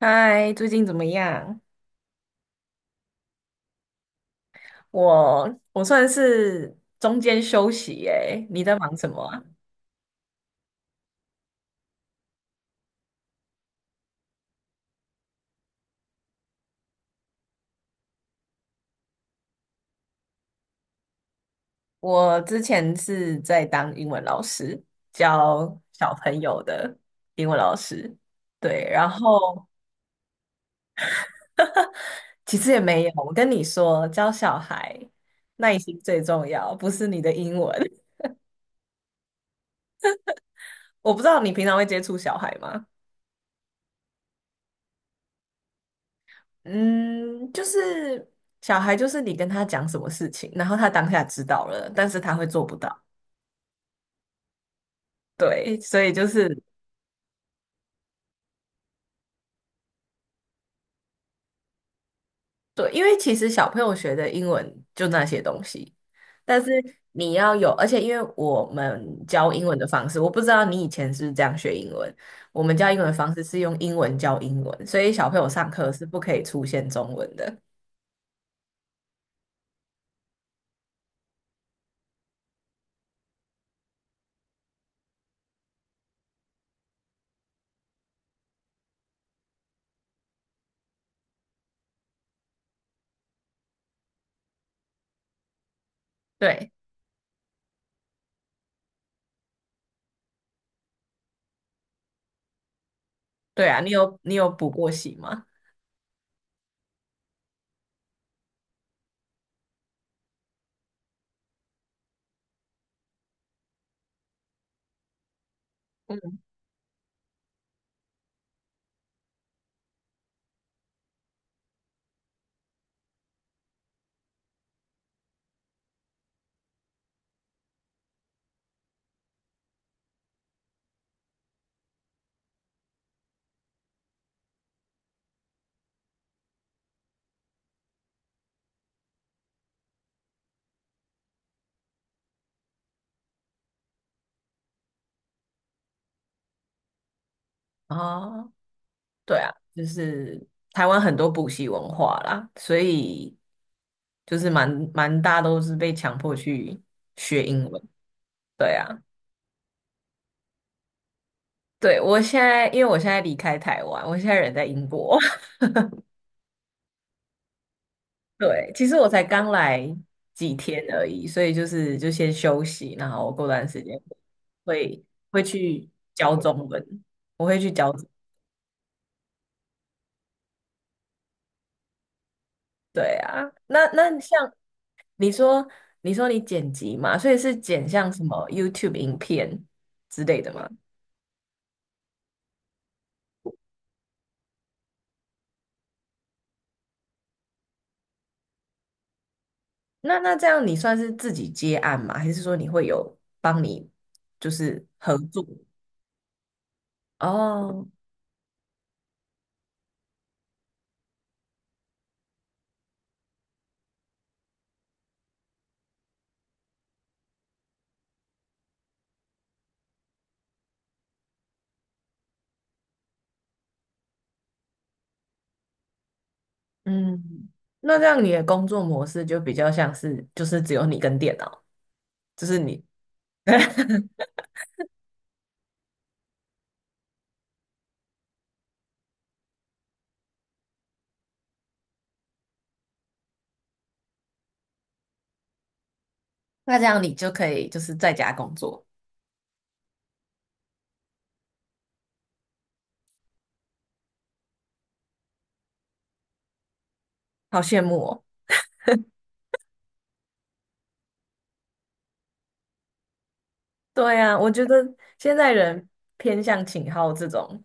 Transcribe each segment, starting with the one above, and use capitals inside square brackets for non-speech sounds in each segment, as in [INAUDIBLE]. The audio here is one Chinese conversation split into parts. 嗨，最近怎么样？我算是中间休息耶，你在忙什么啊？我之前是在当英文老师，教小朋友的英文老师。对，然后其实也没有，我跟你说，教小孩耐心最重要，不是你的英文。[LAUGHS] 我不知道你平常会接触小孩吗？嗯，就是小孩，就是你跟他讲什么事情，然后他当下知道了，但是他会做不到。对，所以就是对，因为其实小朋友学的英文就那些东西，但是你要有，而且因为我们教英文的方式，我不知道你以前是不是这样学英文，我们教英文的方式是用英文教英文，所以小朋友上课是不可以出现中文的。对，对啊，你有补过习吗？嗯，哦，对啊，就是台湾很多补习文化啦，所以就是蛮大都是被强迫去学英文。对啊。对，我现在，因为我现在离开台湾，我现在人在英国。[LAUGHS] 对，其实我才刚来几天而已，所以就是就先休息，然后过段时间会会去教中文，我会去教中。对啊，那像你说，你说你剪辑嘛，所以是剪像什么 YouTube 影片之类的吗？那这样你算是自己接案吗？还是说你会有帮你就是合作？哦嗯，那这样你的工作模式就比较像是，就是只有你跟电脑，就是你，[LAUGHS] 那这样你就可以就是在家工作，好羡慕哦。对啊，我觉得现在人偏向请好这种，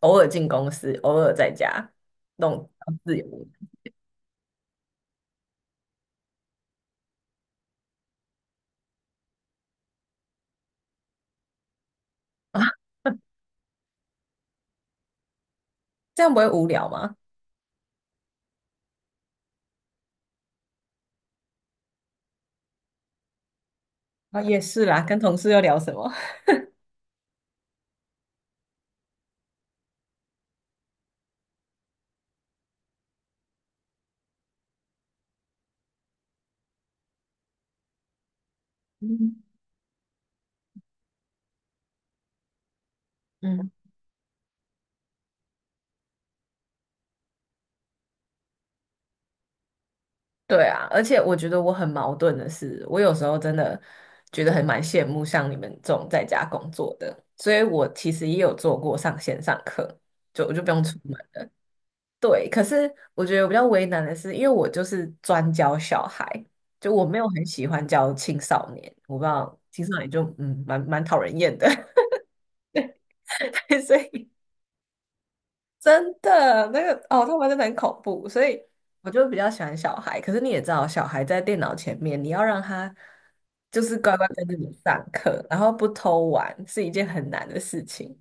偶尔进公司，偶尔在家，那种比较自由的啊，[LAUGHS] 这样不会无聊吗？啊，也是啦，跟同事又聊什么？[LAUGHS] 嗯嗯。对啊，而且我觉得我很矛盾的是，我有时候真的觉得很羡慕像你们这种在家工作的，所以我其实也有做过上线上课，就我就不用出门。对，可是我觉得我比较为难的是，因为我就是专教小孩，就我没有很喜欢教青少年，我不知道青少年就蛮讨人厌的，[LAUGHS] 所以真的，那个哦，他们真的很恐怖，所以我就比较喜欢小孩。可是你也知道，小孩在电脑前面，你要让他就是乖乖跟着你上课，然后不偷玩，是一件很难的事情。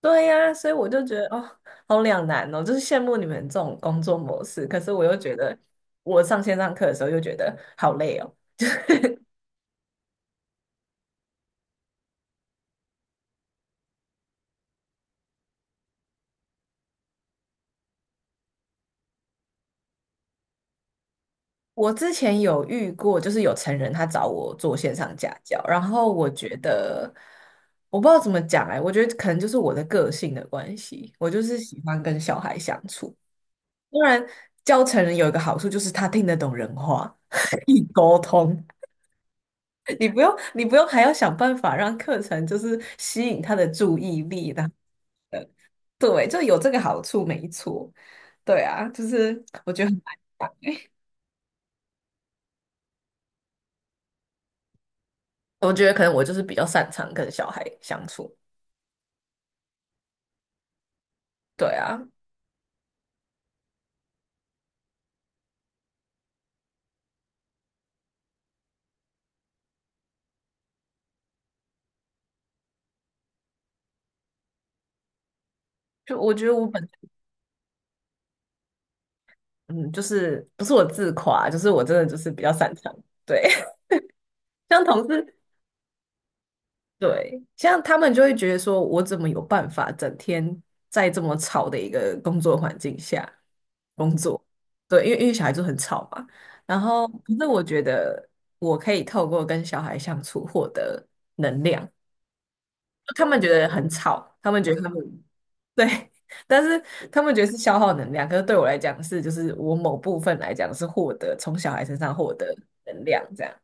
对呀，所以我就觉得哦，好两难哦，就是羡慕你们这种工作模式，可是我又觉得我上线上课的时候又觉得好累哦。我之前有遇过，就是有成人他找我做线上家教，然后我觉得我不知道怎么讲哎、我觉得可能就是我的个性的关系，我就是喜欢跟小孩相处。当然，教成人有一个好处就是他听得懂人话，[LAUGHS] 可以沟通，你不用还要想办法让课程就是吸引他的注意力的，呃对，就有这个好处没错。对啊，就是我觉得很，我觉得可能我就是比较擅长跟小孩相处。对啊，就我觉得我本嗯，就是不是我自夸，就是我真的就是比较擅长。对，[LAUGHS] 像同事，对，像他们就会觉得说，我怎么有办法整天在这么吵的一个工作环境下工作？对，因为小孩就很吵嘛。然后，可是我觉得我可以透过跟小孩相处获得能量。他们觉得很吵，他们觉得他们对，[LAUGHS] 但是他们觉得是消耗能量，可是对我来讲是，就是我某部分来讲是获得从小孩身上获得能量，这样。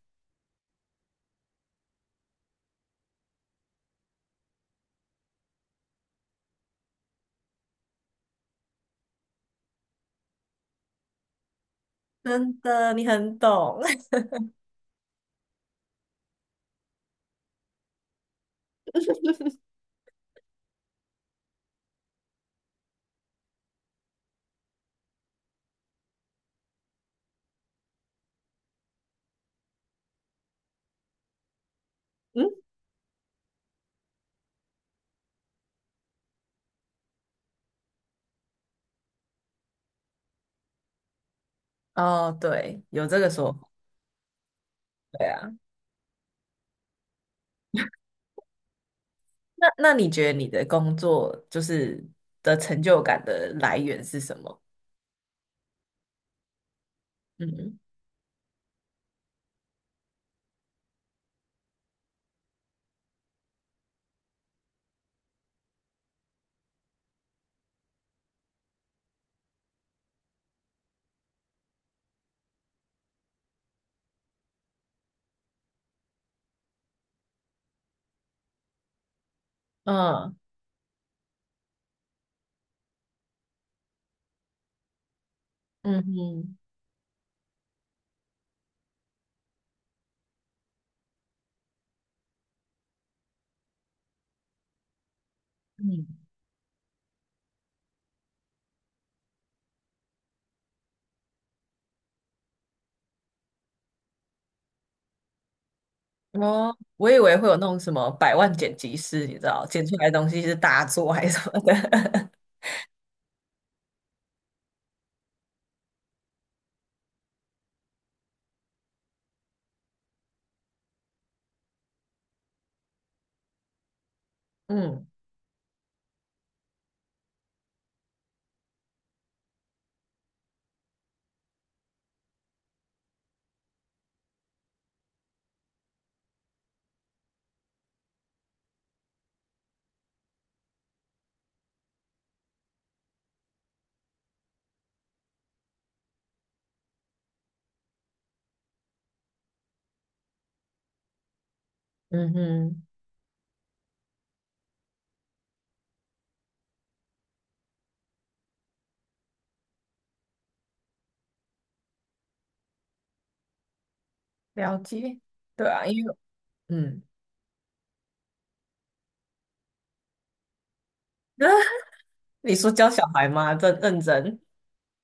真的，你很懂。[LAUGHS] 嗯，哦，对，有这个说法，对啊。那那你觉得你的工作就是的成就感的来源是什么？嗯嗯嗯哼嗯，哦，我以为会有那种什么百万剪辑师，你知道，剪出来的东西是大作还是什么的。[LAUGHS] 嗯嗯哼，了解，对啊，因为嗯，[LAUGHS] 你说教小孩吗？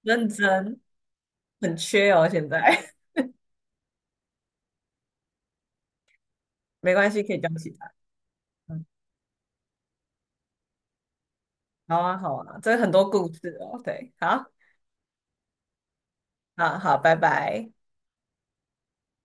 认真，很缺哦，现在 [LAUGHS] 没关系，可以教起来。嗯，好啊，好啊，这很多故事哦，对，好，好啊，拜拜。